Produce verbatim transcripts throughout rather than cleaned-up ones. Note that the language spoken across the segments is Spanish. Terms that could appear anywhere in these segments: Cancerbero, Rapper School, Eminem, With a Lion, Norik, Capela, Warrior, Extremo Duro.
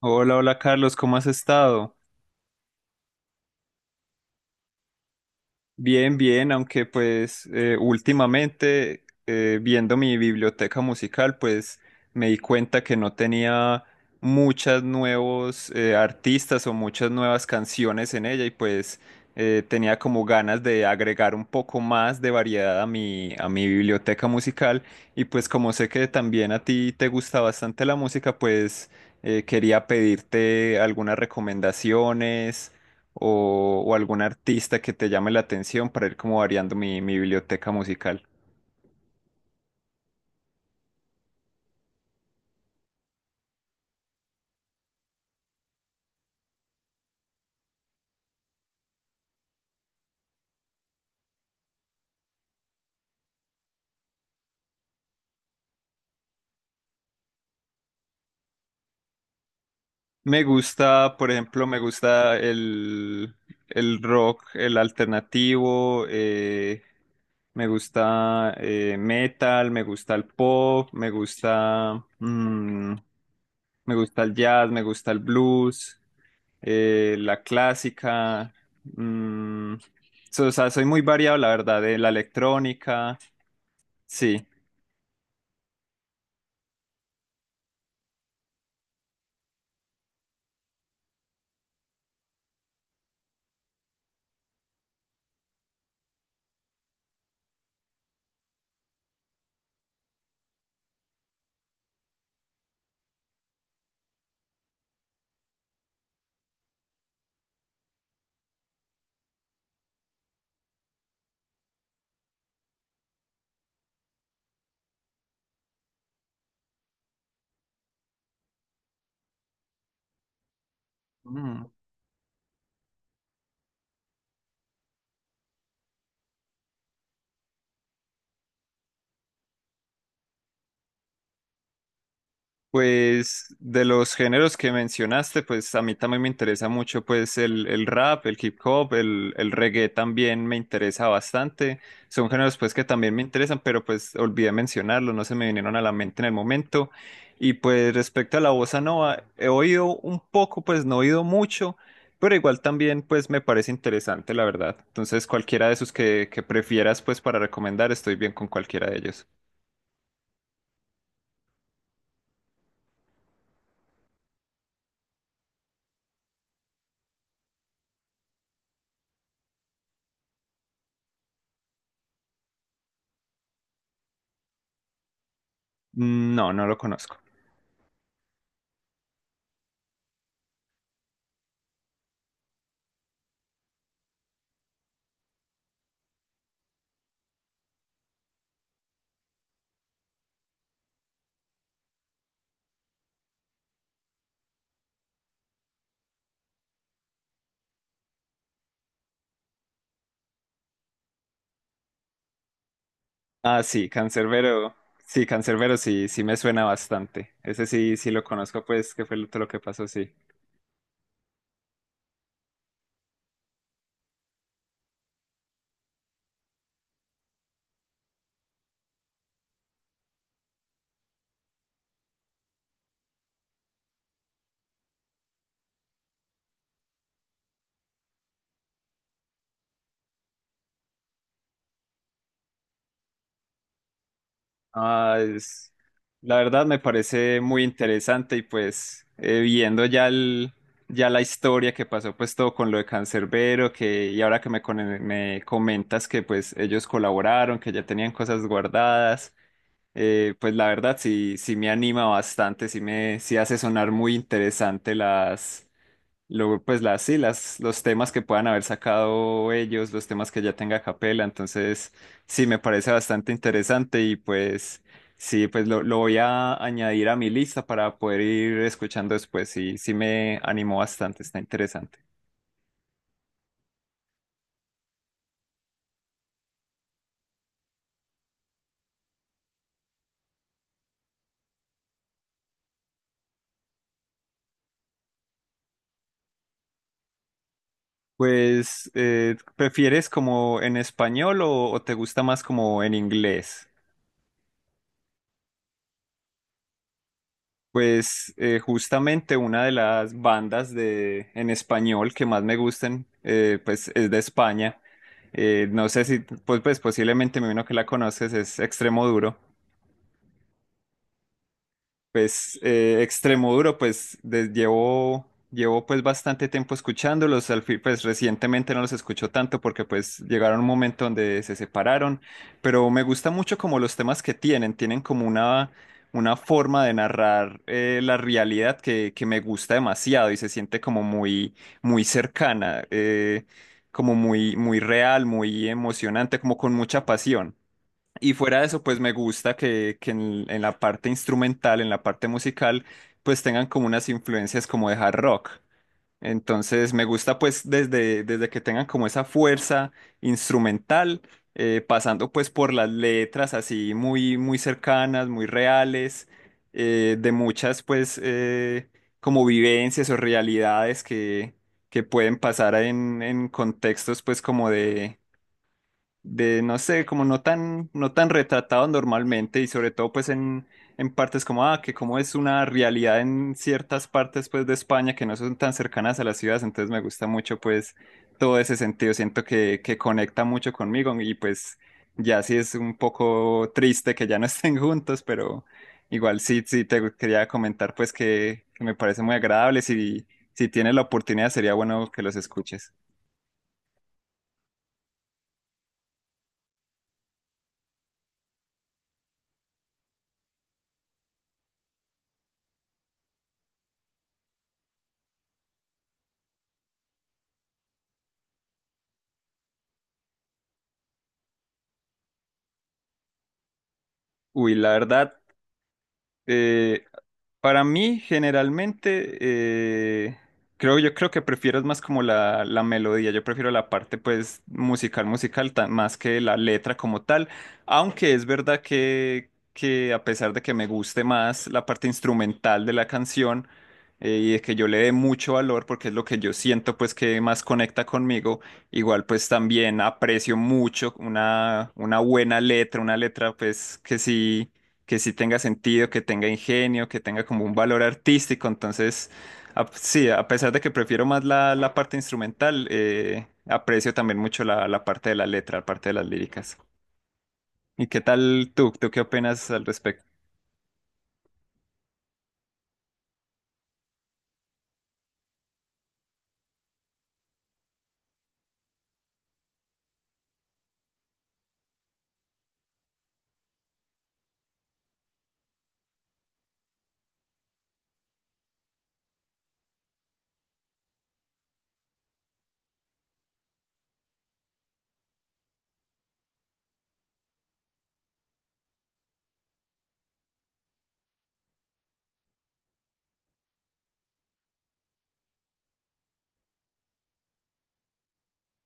Hola, hola Carlos, ¿cómo has estado? Bien, bien, aunque pues eh, últimamente eh, viendo mi biblioteca musical, pues me di cuenta que no tenía muchos nuevos eh, artistas o muchas nuevas canciones en ella y pues eh, tenía como ganas de agregar un poco más de variedad a mi, a mi biblioteca musical y pues como sé que también a ti te gusta bastante la música, pues eh, quería pedirte algunas recomendaciones o, o algún artista que te llame la atención para ir como variando mi, mi biblioteca musical. Me gusta, por ejemplo, me gusta el, el rock, el alternativo, eh, me gusta eh, metal, me gusta el pop, me gusta, mm, me gusta el jazz, me gusta el blues, eh, la clásica. mm, so- o sea, soy muy variado, la verdad, de la electrónica. Sí. Mm. Pues de los géneros que mencionaste, pues a mí también me interesa mucho pues el, el rap, el hip hop, el, el reggae también me interesa bastante. Son géneros pues que también me interesan, pero pues olvidé mencionarlos, no se me vinieron a la mente en el momento. Y pues respecto a la bossa nova, he oído un poco, pues no he oído mucho, pero igual también pues me parece interesante, la verdad. Entonces cualquiera de esos que, que prefieras pues para recomendar, estoy bien con cualquiera de ellos. No, no lo conozco. Ah, sí, Cancerbero. Sí, Cancerbero, sí, sí me suena bastante. Ese sí, sí lo conozco, pues, que fue lo, lo que pasó, sí. Ah, es, la verdad me parece muy interesante y pues eh, viendo ya el, ya la historia que pasó, pues todo con lo de Cancerbero que, y ahora que me, cone- me comentas que pues ellos colaboraron, que ya tenían cosas guardadas, eh, pues la verdad sí, sí me anima bastante, sí me, sí hace sonar muy interesante las. Luego, pues las, sí, las, los temas que puedan haber sacado ellos, los temas que ya tenga Capela, entonces sí, me parece bastante interesante y pues sí, pues lo, lo voy a añadir a mi lista para poder ir escuchando después, sí, sí me animó bastante, está interesante. Pues, eh, ¿prefieres como en español o, o te gusta más como en inglés? Pues eh, justamente una de las bandas de en español que más me gustan, eh, pues es de España. Eh, no sé si, pues, pues posiblemente me imagino que la conoces, es Extremo Duro. Pues eh, Extremo Duro, pues de- llevo, llevo pues bastante tiempo escuchándolos, al fin, pues recientemente no los escucho tanto porque pues llegaron un momento donde se separaron, pero me gusta mucho como los temas que tienen, tienen como una, una forma de narrar eh, la realidad que, que me gusta demasiado y se siente como muy, muy cercana, eh, como muy, muy real, muy emocionante, como con mucha pasión. Y fuera de eso, pues me gusta que, que en, en la parte instrumental, en la parte musical, pues tengan como unas influencias como de hard rock. Entonces me gusta pues desde, desde que tengan como esa fuerza instrumental, eh, pasando pues por las letras así muy, muy cercanas, muy reales, eh, de muchas pues eh, como vivencias o realidades que, que pueden pasar en, en contextos pues como de, no sé, como no tan, no tan retratado normalmente y sobre todo pues en, en partes como, ah, que como es una realidad en ciertas partes pues de España que no son tan cercanas a las ciudades, entonces me gusta mucho pues todo ese sentido, siento que, que conecta mucho conmigo y pues ya sí es un poco triste que ya no estén juntos, pero igual sí, sí te quería comentar pues que, que me parece muy agradable, si, si tienes la oportunidad sería bueno que los escuches. Uy, la verdad, eh, para mí, generalmente, eh, creo, yo creo que prefiero es más como la, la melodía, yo prefiero la parte pues musical, musical, tan- más que la letra como tal, aunque es verdad que, que a pesar de que me guste más la parte instrumental de la canción eh, y de que yo le dé mucho valor, porque es lo que yo siento pues que más conecta conmigo, igual pues también aprecio mucho una, una buena letra, una letra pues que sí que sí tenga sentido, que tenga ingenio, que tenga como un valor artístico. Entonces, a- sí, a pesar de que prefiero más la, la parte instrumental, eh, aprecio también mucho la, la parte de la letra, la parte de las líricas. ¿Y qué tal tú? ¿Tú qué opinas al respecto?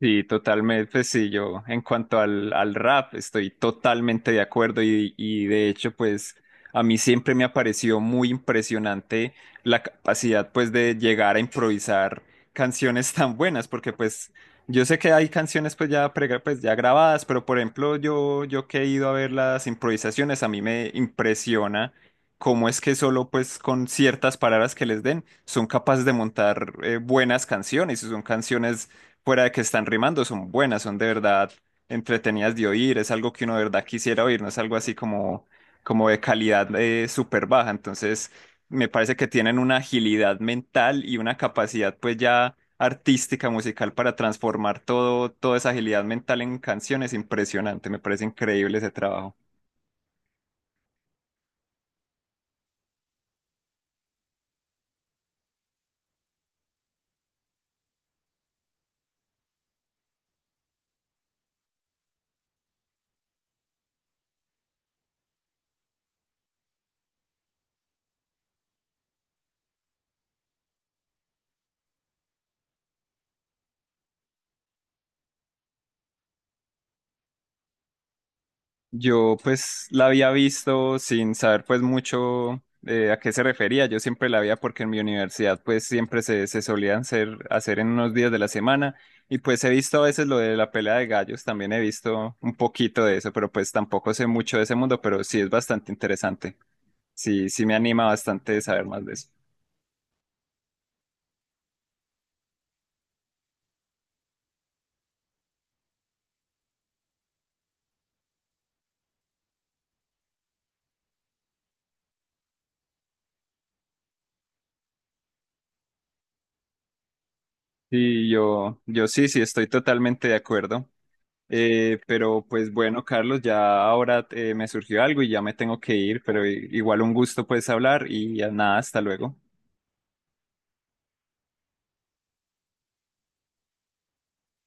Sí, totalmente, pues sí, yo en cuanto al, al rap estoy totalmente de acuerdo y, y de hecho pues a mí siempre me ha parecido muy impresionante la capacidad pues de llegar a improvisar canciones tan buenas porque pues yo sé que hay canciones pues ya, pre- pues, ya grabadas, pero por ejemplo yo, yo que he ido a ver las improvisaciones a mí me impresiona cómo es que solo pues con ciertas palabras que les den son capaces de montar eh, buenas canciones y son canciones fuera de que están rimando, son buenas, son de verdad entretenidas de oír, es algo que uno de verdad quisiera oír, no es algo así como, como de calidad eh, súper baja. Entonces, me parece que tienen una agilidad mental y una capacidad pues ya artística, musical para transformar todo, toda esa agilidad mental en canciones impresionante, me parece increíble ese trabajo. Yo pues la había visto sin saber pues mucho eh, a qué se refería. Yo siempre la veía porque en mi universidad pues siempre se, se solían hacer, hacer en unos días de la semana y pues he visto a veces lo de la pelea de gallos, también he visto un poquito de eso, pero pues tampoco sé mucho de ese mundo, pero sí es bastante interesante. Sí, sí me anima bastante saber más de eso. Y yo, yo sí, sí estoy totalmente de acuerdo. Eh, pero pues bueno, Carlos, ya ahora eh, me surgió algo y ya me tengo que ir, pero i- igual un gusto pues hablar y ya nada, hasta luego.